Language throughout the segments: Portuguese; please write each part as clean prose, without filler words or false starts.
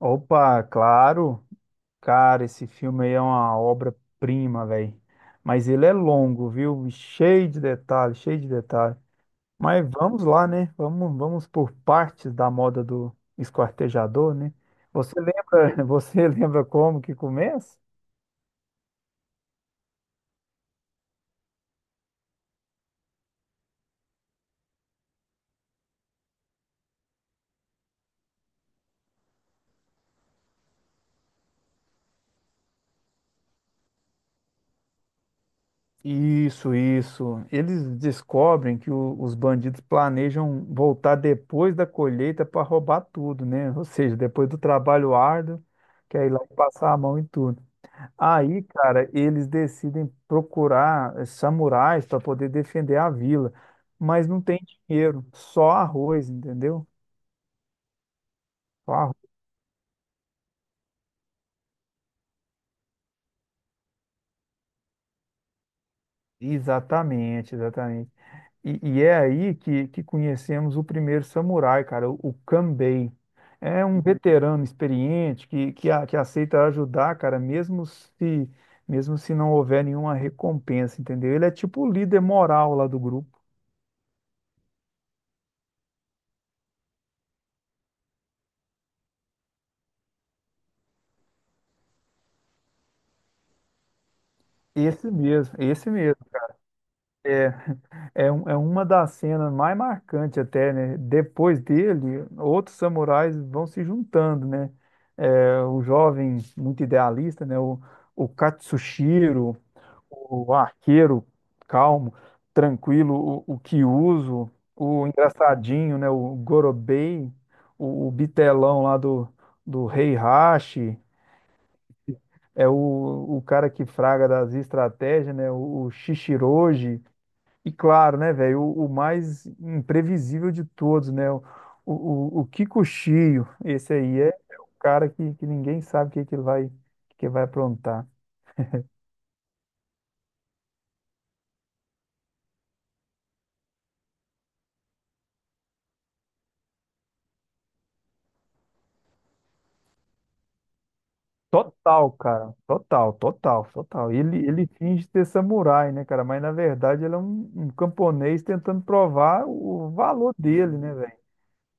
Opa, claro. Cara, esse filme aí é uma obra-prima, velho. Mas ele é longo, viu? Cheio de detalhes, cheio de detalhes. Mas vamos lá, né? Vamos por partes da moda do esquartejador, né? Você lembra, você lembra como que começa? Isso, isso. Eles descobrem que os bandidos planejam voltar depois da colheita para roubar tudo, né? Ou seja, depois do trabalho árduo, quer ir lá e passar a mão em tudo. Aí, cara, eles decidem procurar samurais para poder defender a vila, mas não tem dinheiro, só arroz, entendeu? Só arroz. Exatamente, exatamente. E é aí que conhecemos o primeiro samurai, cara, o Kanbei. É um veterano experiente que aceita ajudar, cara, mesmo se não houver nenhuma recompensa, entendeu? Ele é tipo o líder moral lá do grupo. Esse mesmo, esse mesmo. É, é uma das cenas mais marcantes até, né? Depois dele, outros samurais vão se juntando, né? É, o jovem muito idealista, né? O Katsushiro, o arqueiro calmo, tranquilo, o Kyuzo, o engraçadinho, né? O Gorobei, o bitelão lá do Rei Hashi, é o cara que fraga das estratégias, né? O Shishiroji. E claro, né, velho, o mais imprevisível de todos, né? O Kiko Shio, esse aí é o cara que ninguém sabe o que, que vai aprontar. Total, cara. Total, total, total. Ele finge ter samurai, né, cara? Mas na verdade ele é um camponês tentando provar o valor dele, né, velho?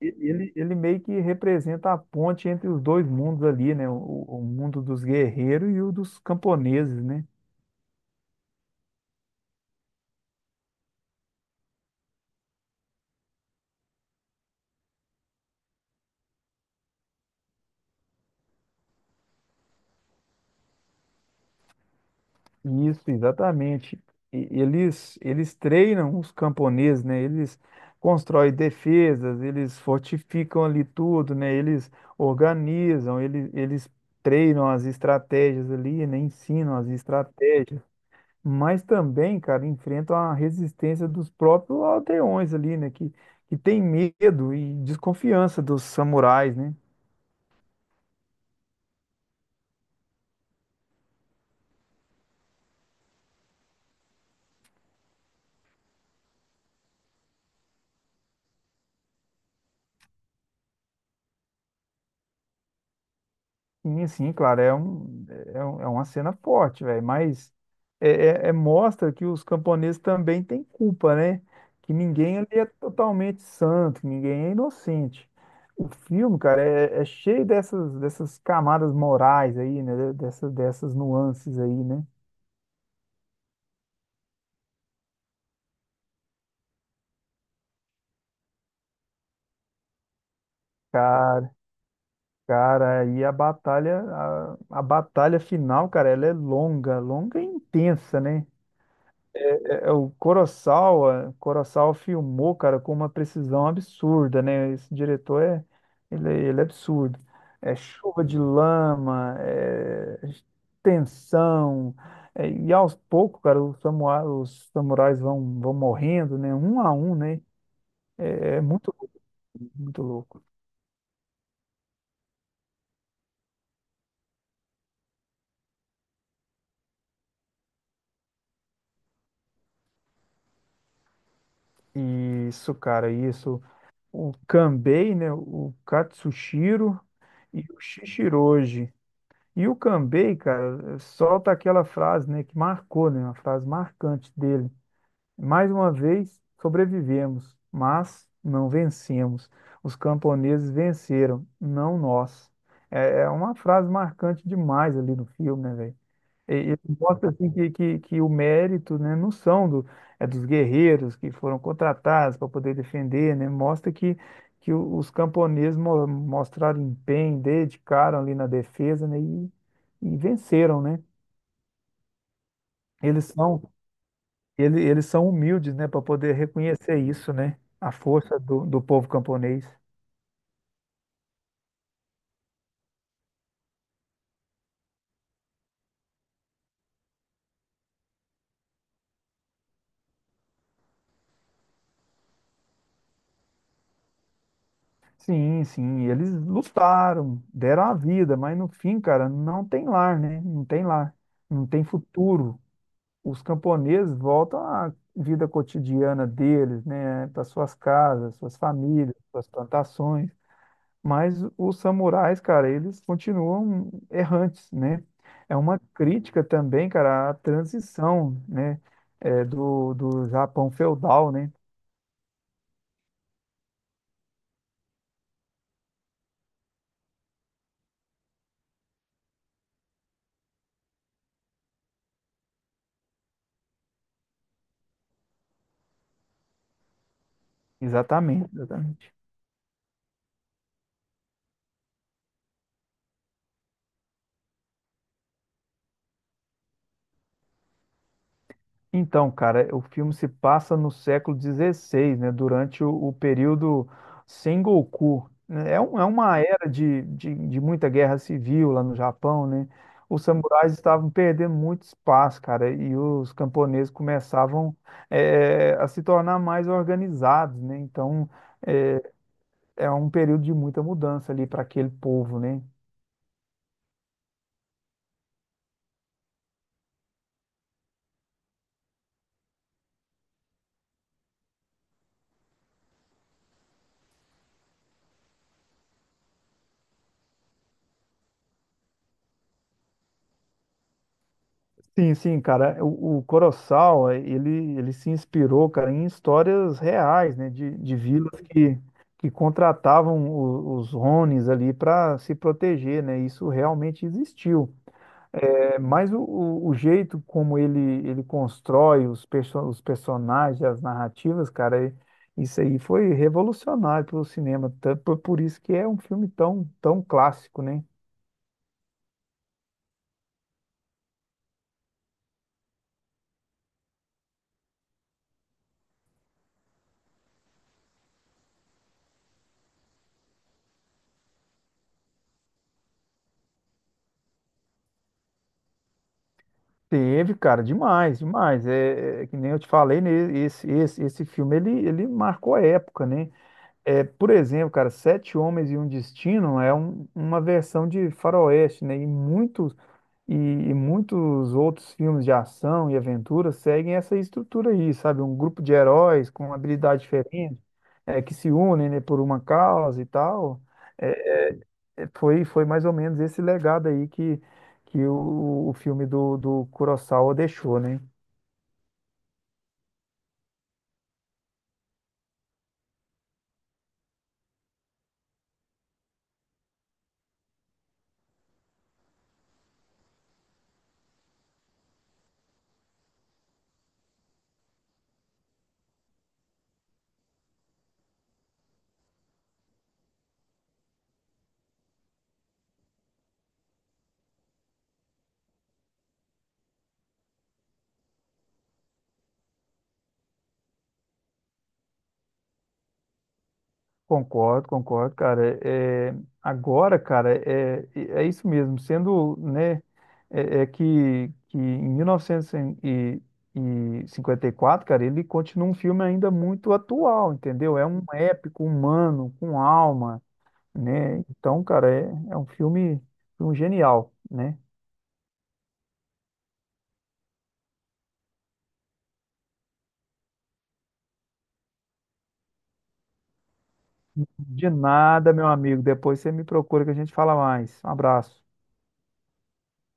Ele meio que representa a ponte entre os dois mundos ali, né? O mundo dos guerreiros e o dos camponeses, né? Isso, exatamente. Eles treinam os camponeses, né? Eles constroem defesas, eles fortificam ali tudo, né? Eles organizam, eles treinam as estratégias ali, né? Ensinam as estratégias. Mas também, cara, enfrentam a resistência dos próprios aldeões ali, né? Que tem medo e desconfiança dos samurais, né? Sim, sim, claro, é uma cena forte, velho, mas é, mostra que os camponeses também têm culpa, né? Que ninguém ali é totalmente santo, ninguém é inocente. O filme, cara, é cheio dessas camadas morais aí, né? Dessas nuances aí, né? Cara, cara, aí a batalha, a batalha final, cara, ela é longa, longa e intensa, né? O Kurosawa filmou, cara, com uma precisão absurda, né? Esse diretor ele é absurdo. É chuva de lama, é tensão, e aos poucos, cara, os samurais vão morrendo, né? Um a um, né? É muito louco, muito louco. E isso, cara, isso. O Kanbei, né? O Katsushiro e o Shishiroji. E o Cambay, cara, solta aquela frase, né, que marcou, né, uma frase marcante dele. Mais uma vez, sobrevivemos, mas não vencemos. Os camponeses venceram, não nós. É, é uma frase marcante demais ali no filme, né, velho? E mostra assim que, que o mérito, né, não são do, é dos guerreiros que foram contratados para poder defender, né? Mostra que os camponeses mostraram empenho, dedicaram ali na defesa, né, e venceram, né? Eles são, eles são humildes, né, para poder reconhecer isso, né? A força do povo camponês. Sim, sim, eles lutaram, deram a vida, mas no fim, cara, não tem lar, né? Não tem lar, não tem futuro. Os camponeses voltam à vida cotidiana deles, né, para suas casas, suas famílias, suas plantações, mas os samurais, cara, eles continuam errantes, né? É uma crítica também, cara, à transição, né, do Japão feudal, né? Exatamente, exatamente. Então, cara, o filme se passa no século XVI, né, durante o período Sengoku, né? É uma era de muita guerra civil lá no Japão, né? Os samurais estavam perdendo muito espaço, cara, e os camponeses começavam a se tornar mais organizados, né? Então, eh, é um período de muita mudança ali para aquele povo, né? Sim, sim, cara. O Kurosawa, ele se inspirou, cara, em histórias reais, né? De vilas que contratavam os Ronis ali para se proteger, né? Isso realmente existiu. É, mas o jeito como ele constrói os personagens, as narrativas, cara, isso aí foi revolucionário pelo cinema. Por isso que é um filme tão, tão clássico, né? Teve, cara, demais, demais. É que nem eu te falei, né? Esse filme ele marcou a época, né? É, por exemplo, cara, Sete Homens e um Destino é uma versão de Faroeste, né? E muitos outros filmes de ação e aventura seguem essa estrutura aí, sabe? Um grupo de heróis com habilidades diferentes, que se unem, né, por uma causa e tal. É, foi mais ou menos esse legado aí que o filme do Kurosawa deixou, né? Concordo, concordo, cara. É, agora, cara, é isso mesmo. Sendo, né, é que em 1954, cara, ele continua um filme ainda muito atual, entendeu? É um épico humano, com alma, né? Então, cara, é um filme, um genial, né? De nada, meu amigo. Depois você me procura que a gente fala mais. Um abraço.